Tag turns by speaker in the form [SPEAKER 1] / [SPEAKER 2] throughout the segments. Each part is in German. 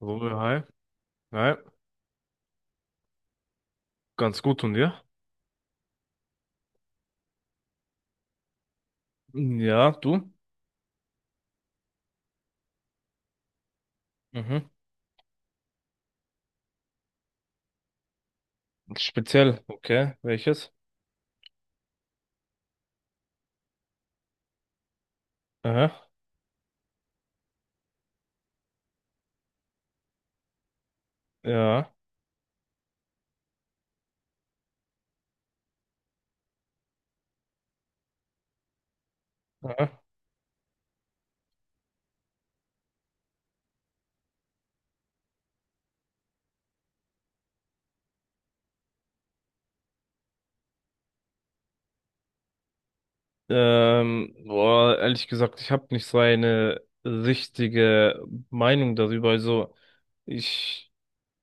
[SPEAKER 1] So, hi. Hi. Ganz gut und dir? Ja, du? Mhm. Speziell, okay. Welches? Aha. Ja. Aha. Boah, ehrlich gesagt, ich habe nicht so eine richtige Meinung darüber. Also, ich,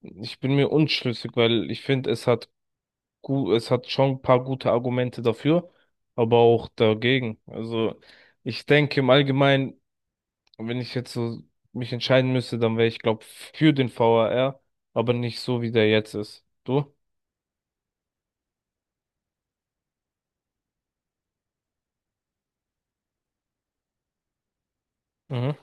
[SPEAKER 1] ich bin mir unschlüssig, weil ich finde, es hat gut, es hat schon ein paar gute Argumente dafür, aber auch dagegen. Also, ich denke im Allgemeinen. Und wenn ich jetzt so mich entscheiden müsste, dann wäre ich, glaube, für den VAR, aber nicht so, wie der jetzt ist. Du? Mhm,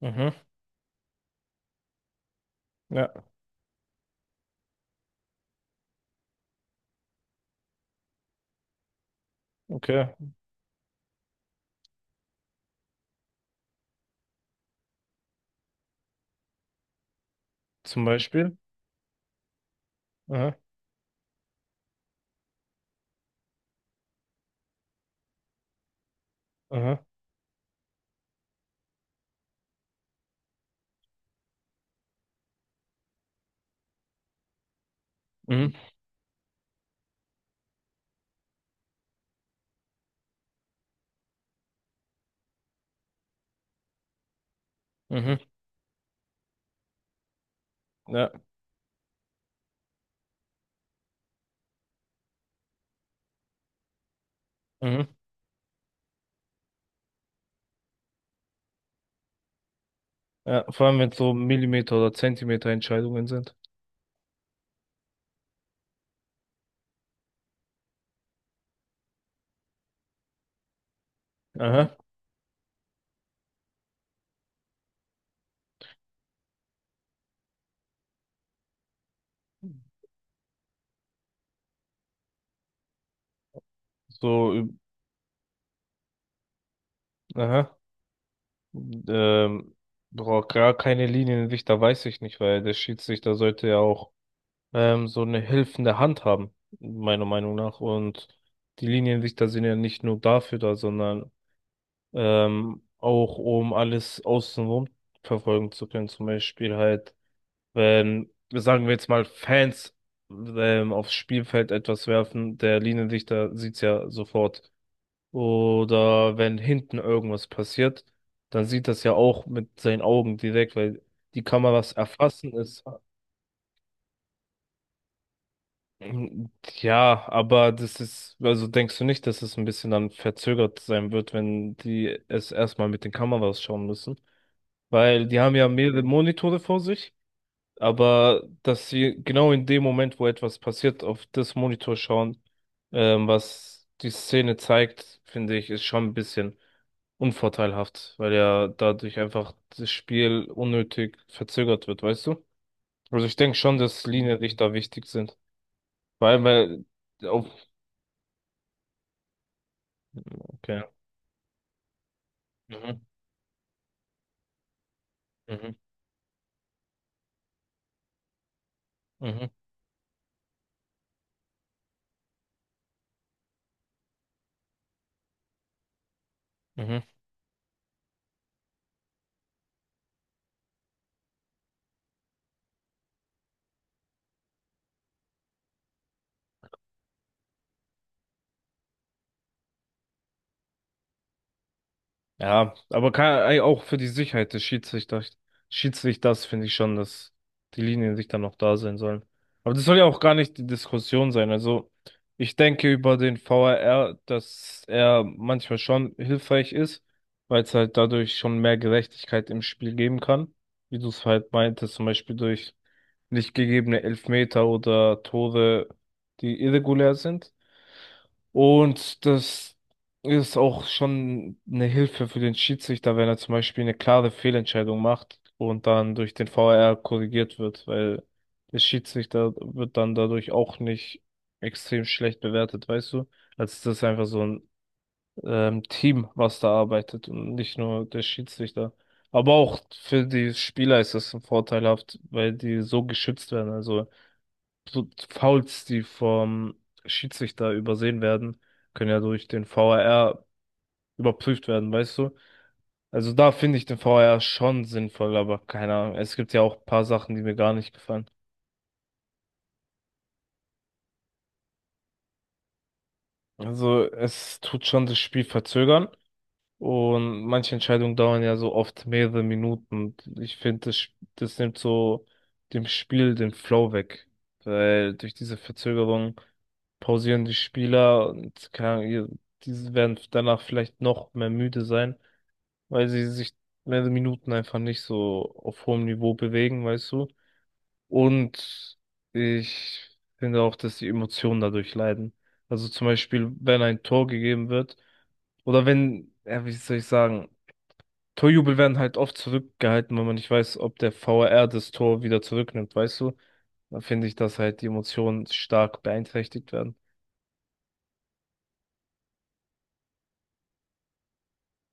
[SPEAKER 1] mhm, ja, okay. Zum Beispiel. Aha, aha, mhm, mhm, ja. Mhm, ja, vor allem wenn es so Millimeter- oder Zentimeter-Entscheidungen sind. Aha, so, üb-, aha, ähm, boah, gar keine Linienrichter weiß ich nicht, weil der Schiedsrichter sollte ja auch so eine helfende Hand haben, meiner Meinung nach. Und die Linienrichter sind ja nicht nur dafür da, sondern auch um alles außenrum verfolgen zu können. Zum Beispiel halt, wenn, sagen wir jetzt mal, Fans aufs Spielfeld etwas werfen, der Linienrichter sieht's ja sofort. Oder wenn hinten irgendwas passiert, dann sieht das ja auch mit seinen Augen direkt, weil die Kameras erfassen es. Ähm, Ja, aber das ist, also denkst du nicht, dass es ein bisschen dann verzögert sein wird, wenn die es erstmal mit den Kameras schauen müssen? Weil die haben ja mehrere Monitore vor sich, aber dass sie genau in dem Moment, wo etwas passiert, auf das Monitor schauen, was die Szene zeigt, finde ich, ist schon ein bisschen unvorteilhaft, weil ja dadurch einfach das Spiel unnötig verzögert wird, weißt du? Also ich denke schon, dass Linienrichter wichtig sind. Vor allem, weil auf, okay. Mhm. Mhm. Mhm. Mhm. Ja, aber kann, ey, auch für die Sicherheit des Schiedsrichters, Schiedsrichters finde ich schon, dass die Linien sich dann noch da sein sollen. Aber das soll ja auch gar nicht die Diskussion sein. Also ich denke über den V A R, dass er manchmal schon hilfreich ist, weil es halt dadurch schon mehr Gerechtigkeit im Spiel geben kann. Wie du es halt meintest, zum Beispiel durch nicht gegebene Elfmeter oder Tore, die irregulär sind. Und das ist auch schon eine Hilfe für den Schiedsrichter, wenn er zum Beispiel eine klare Fehlentscheidung macht und dann durch den V A R korrigiert wird, weil der Schiedsrichter wird dann dadurch auch nicht extrem schlecht bewertet, weißt du? Also das ist einfach so ein Team, was da arbeitet und nicht nur der Schiedsrichter. Aber auch für die Spieler ist das vorteilhaft, weil die so geschützt werden. Also so Fouls, die vom Schiedsrichter übersehen werden, können ja durch den VAR überprüft werden, weißt du? Also da finde ich den VAR schon sinnvoll, aber keine Ahnung. Es gibt ja auch ein paar Sachen, die mir gar nicht gefallen. Also es tut schon das Spiel verzögern. Und manche Entscheidungen dauern ja so oft mehrere Minuten. Ich finde, das nimmt so dem Spiel den Flow weg. Weil durch diese Verzögerung pausieren die Spieler und keine Ahnung, ihr-, diese werden danach vielleicht noch mehr müde sein, weil sie sich mehrere Minuten einfach nicht so auf hohem Niveau bewegen, weißt du. Und ich finde auch, dass die Emotionen dadurch leiden. Also zum Beispiel, wenn ein Tor gegeben wird, oder wenn, ja, wie soll ich sagen, Torjubel werden halt oft zurückgehalten, weil man nicht weiß, ob der VAR das Tor wieder zurücknimmt, weißt du? Da finde ich, dass halt die Emotionen stark beeinträchtigt werden.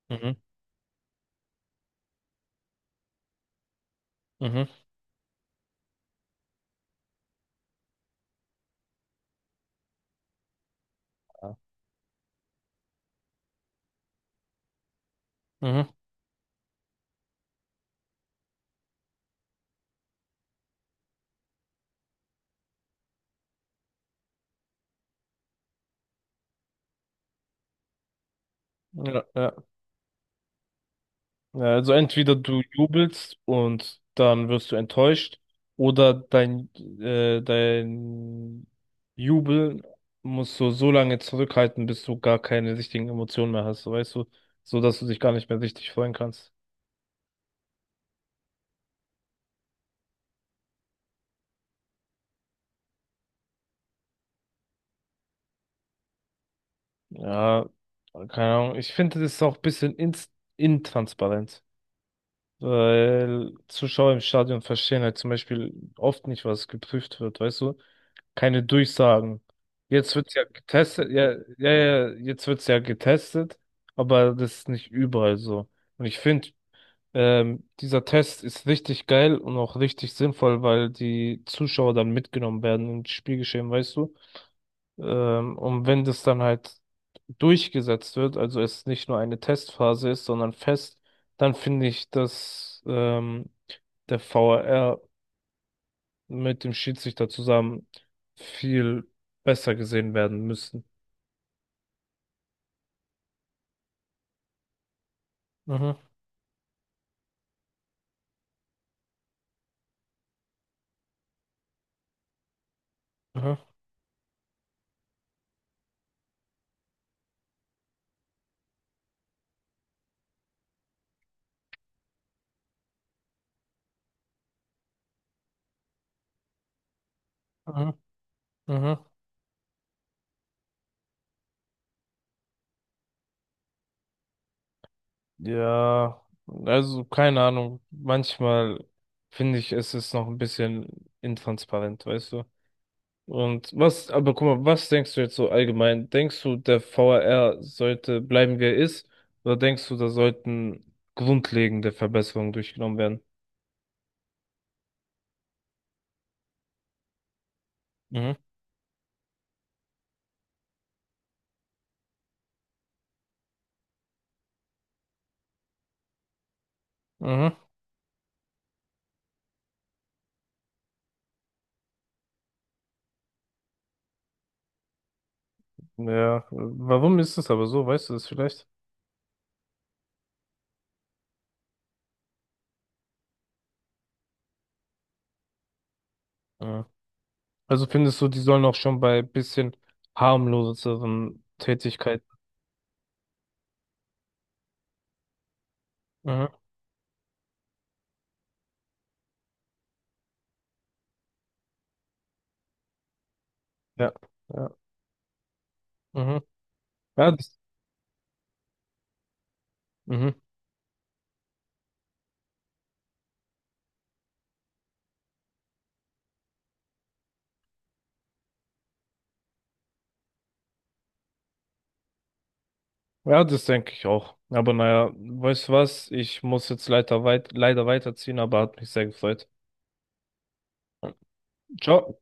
[SPEAKER 1] Mhm, mhm, ja. Mhm. Ja, ja. Ja, also entweder du jubelst und dann wirst du enttäuscht, oder dein, dein Jubel musst du so lange zurückhalten, bis du gar keine richtigen Emotionen mehr hast, so weißt du, so dass du dich gar nicht mehr richtig freuen kannst. Ja, keine Ahnung. Ich finde, das ist auch ein bisschen ins intransparent, weil Zuschauer im Stadion verstehen halt zum Beispiel oft nicht, was geprüft wird, weißt du? Keine Durchsagen. Jetzt wird's ja getestet, ja, ja, ja, jetzt wird's ja getestet, aber das ist nicht überall so. Und ich finde, dieser Test ist richtig geil und auch richtig sinnvoll, weil die Zuschauer dann mitgenommen werden ins Spielgeschehen, weißt du? Und wenn das dann halt durchgesetzt wird, also es nicht nur eine Testphase ist, sondern fest, dann finde ich, dass der V A R mit dem Schiedsrichter zusammen viel besser gesehen werden müssten. Mhm, mhm, mhm, mhm. Ja, also keine Ahnung. Manchmal finde ich, es ist noch ein bisschen intransparent, weißt du? Und was, aber guck mal, was denkst du jetzt so allgemein? Denkst du, der VAR sollte bleiben, wie er ist? Oder denkst du, da sollten grundlegende Verbesserungen durchgenommen werden? Mhm. Mhm. Ja, warum ist es aber so? Weißt du das vielleicht? Mhm. Also findest du, die sollen auch schon bei bisschen harmloseren Tätigkeiten. Mhm. Ja, ja. Mhm. Ja, das, mhm, ja, das denke ich auch. Aber naja, weißt du was? Ich muss jetzt leider weit, leider weiterziehen, aber hat mich sehr gefreut. Ciao.